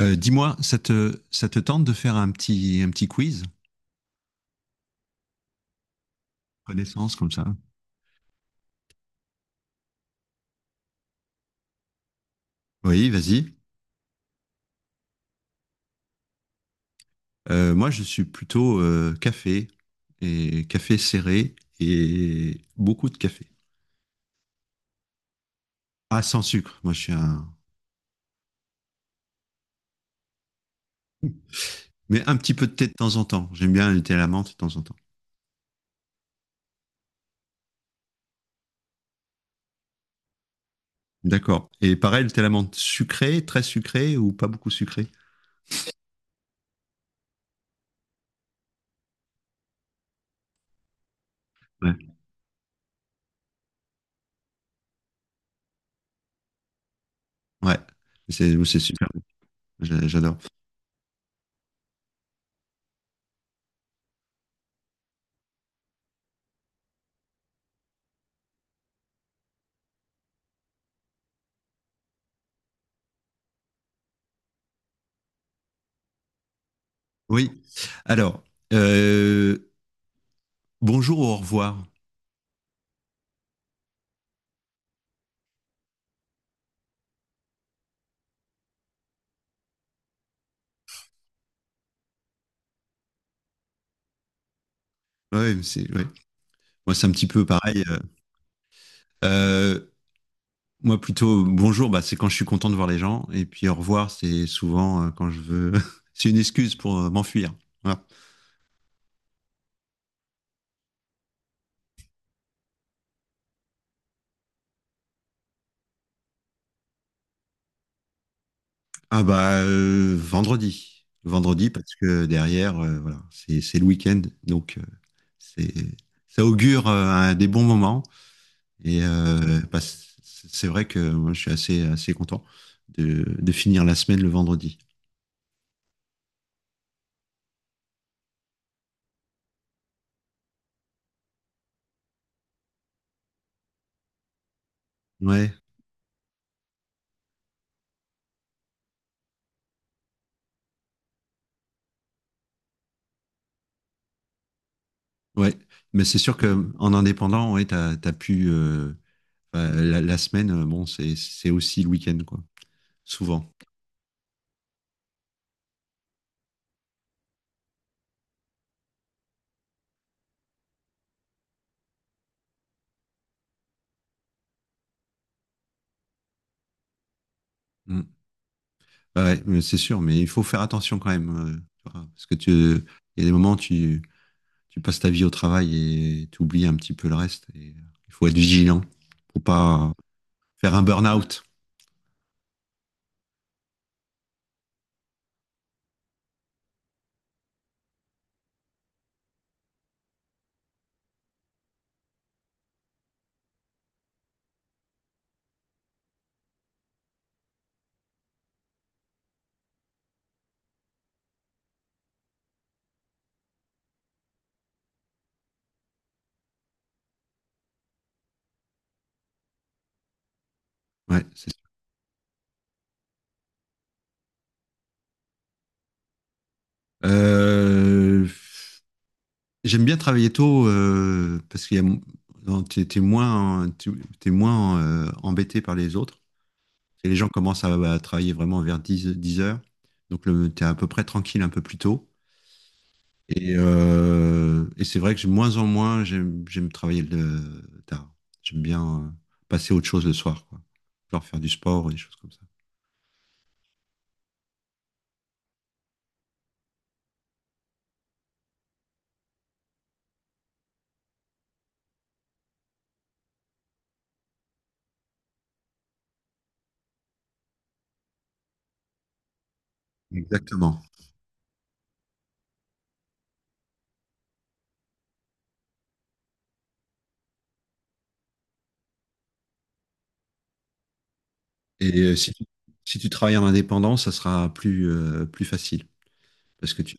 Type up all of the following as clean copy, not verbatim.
Dis-moi, ça te tente de faire un petit quiz connaissance comme ça? Oui, vas-y. Moi, je suis plutôt café, et café serré, et beaucoup de café. Ah, sans sucre. Moi, je suis un. Mais un petit peu de thé de temps en temps. J'aime bien le thé à la menthe de temps en temps. D'accord. Et pareil, le thé à la menthe sucré, très sucré ou pas beaucoup sucré? Ouais. Ouais. C'est super. J'adore. Oui. Alors, euh, bonjour, au revoir. Ouais, mais c'est. Moi, c'est un petit peu pareil. Euh, Moi, plutôt, bonjour, bah, c'est quand je suis content de voir les gens. Et puis, au revoir, c'est souvent quand je veux. C'est une excuse pour m'enfuir. Voilà. Ah, bah, vendredi. Vendredi, parce que derrière, voilà, c'est le week-end. Donc, c'est ça augure des bons moments. Et bah, c'est vrai que moi, je suis assez content de finir la semaine le vendredi. Ouais, ouais. Mais c'est sûr que en indépendant, ouais, t'as pu. Enfin, la semaine, bon, c'est aussi le week-end, quoi. Souvent. Mm. Ouais, mais c'est sûr, mais il faut faire attention quand même. Tu vois, parce que il y a des moments où tu passes ta vie au travail, et tu oublies un petit peu le reste. Et il faut être vigilant pour pas faire un burn-out. Ouais, c'est sûr. euh, J'aime bien travailler tôt parce que tu t'es t'es moins, t'es moins embêté par les autres. Les gens commencent à travailler vraiment vers 10 h. Donc, tu es à peu près tranquille un peu plus tôt. Et c'est vrai que de moins en moins, j'aime travailler le tard. J'aime bien passer à autre chose le soir, quoi. Genre faire du sport ou des choses comme ça. Exactement. Et si tu, si tu travailles en indépendant, ça sera plus facile. Parce que tu,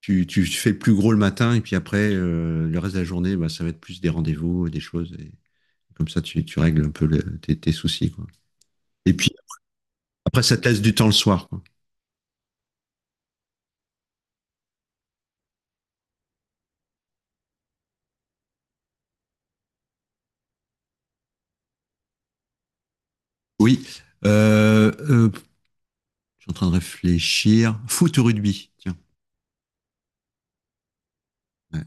tu, tu fais le plus gros le matin, et puis après, le reste de la journée, bah, ça va être plus des rendez-vous et des choses. Et comme ça, tu règles un peu tes soucis, quoi. Et puis, après, ça te laisse du temps le soir. Quoi. Oui. Euh, euh, je suis en train de réfléchir. Foot ou rugby? Tiens. Ouais,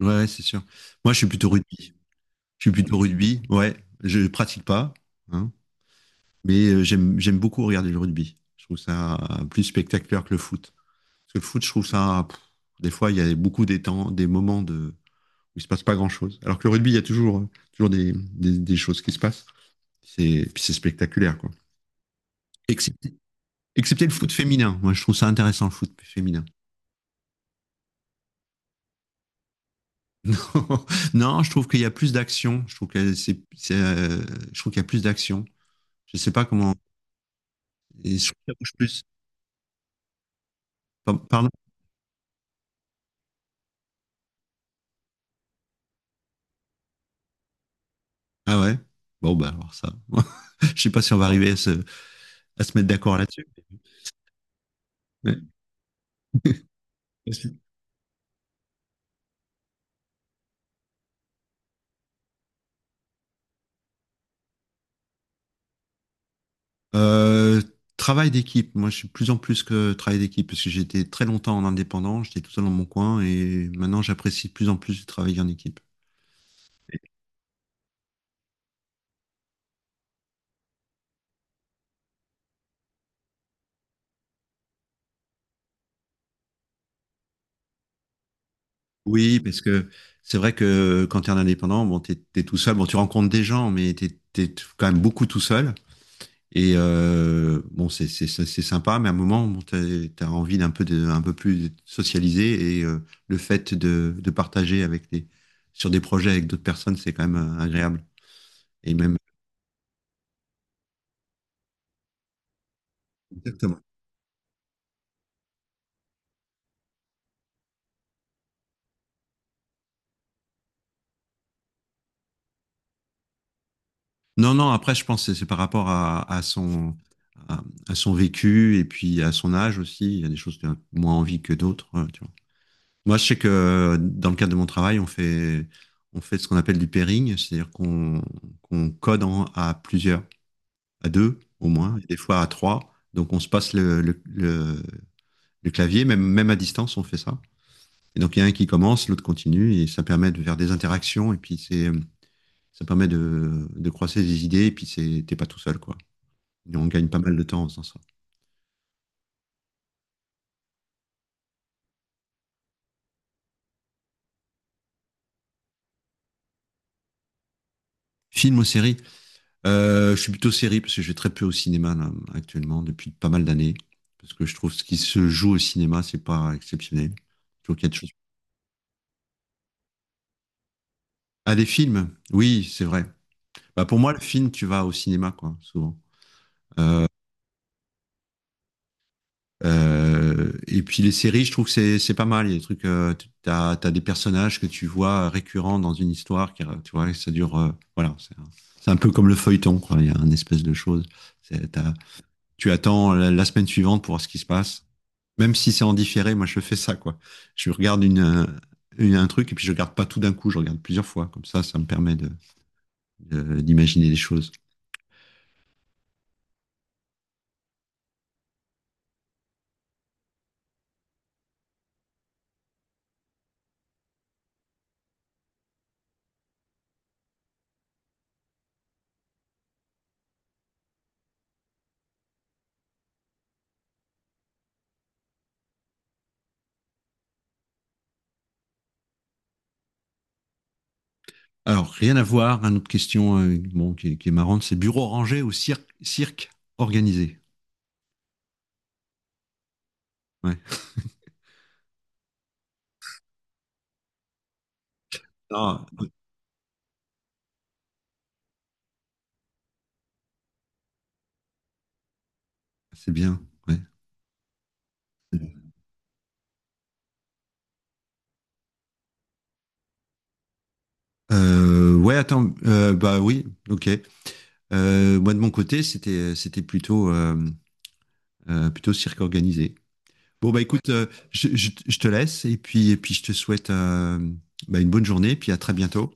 Ouais, ouais, c'est sûr. Moi, je suis plutôt rugby. Je suis plutôt rugby. Ouais, je pratique pas, hein, mais euh, j'aime beaucoup regarder le rugby. Je trouve ça plus spectaculaire que le foot. Parce que le foot, je trouve ça. Des fois, il y a beaucoup des temps, des moments de où il se passe pas grand chose. Alors que le rugby, il y a toujours des choses qui se passent. C'est puis c'est spectaculaire quoi. Excepté Excepté le foot féminin. Moi, je trouve ça intéressant, le foot féminin. Non, non, je trouve qu'il y a plus d'action. Je trouve que je trouve qu'il y a plus d'action. Je sais pas comment. Et je trouve que ça bouge plus. Pardon? Ah ouais? Bon, bah, alors ça. Je sais pas si on va arriver à à se mettre d'accord là-dessus. Ouais. Euh, Travail d'équipe. Moi, je suis plus en plus que travail d'équipe parce que j'étais très longtemps en indépendant. J'étais tout seul dans mon coin et maintenant, j'apprécie de plus en plus de travailler en équipe. Oui, parce que c'est vrai que quand tu es un indépendant, bon, t'es tout seul, bon, tu rencontres des gens, mais t'es quand même beaucoup tout seul. Et bon, c'est sympa, mais à un moment, bon, t'as envie un peu plus de socialiser, et le fait de partager sur des projets avec d'autres personnes, c'est quand même agréable. Et même. Exactement. Non, non. Après, je pense que c'est par rapport à, à son vécu, et puis à son âge aussi. Il y a des choses qu'on a moins envie que d'autres, tu vois. Moi, je sais que dans le cadre de mon travail, on fait ce qu'on appelle du pairing, c'est-à-dire qu'on code à plusieurs, à 2 au moins, et des fois à 3. Donc, on se passe le clavier, même à distance, on fait ça. Et donc, il y a un qui commence, l'autre continue, et ça permet de faire des interactions, et puis ça permet de croiser des idées, et puis c'est, t'es pas tout seul, quoi. Et on gagne pas mal de temps en faisant ça. Film ou série? Je suis plutôt série parce que je vais très peu au cinéma là, actuellement depuis pas mal d'années, parce que je trouve ce qui se joue au cinéma c'est pas exceptionnel. Je trouve qu'il y a des choses. Ah, des films, oui, c'est vrai. Bah, pour moi le film tu vas au cinéma quoi souvent. Euh, et puis les séries je trouve que c'est pas mal. Il y a des trucs t'as des personnages que tu vois récurrents dans une histoire qui tu vois, et ça dure voilà c'est un peu comme le feuilleton quoi. Il y a un espèce de chose. C'est- t'as- Tu attends la la semaine suivante pour voir ce qui se passe. Même si c'est en différé, moi je fais ça, quoi. Je regarde un truc et puis je regarde pas tout d'un coup, je regarde plusieurs fois. Comme ça me permet d'imaginer des choses. Alors, rien à voir, une autre question bon, qui est marrante, c'est bureau rangé ou cirque organisé? Ouais. Ah, ouais, c'est bien. Ouais. Ouais, attends, bah oui, ok. Moi de mon côté, c'était plutôt plutôt cirque organisé. Bon, bah écoute, je te laisse et puis je te souhaite bah, une bonne journée et puis à très bientôt.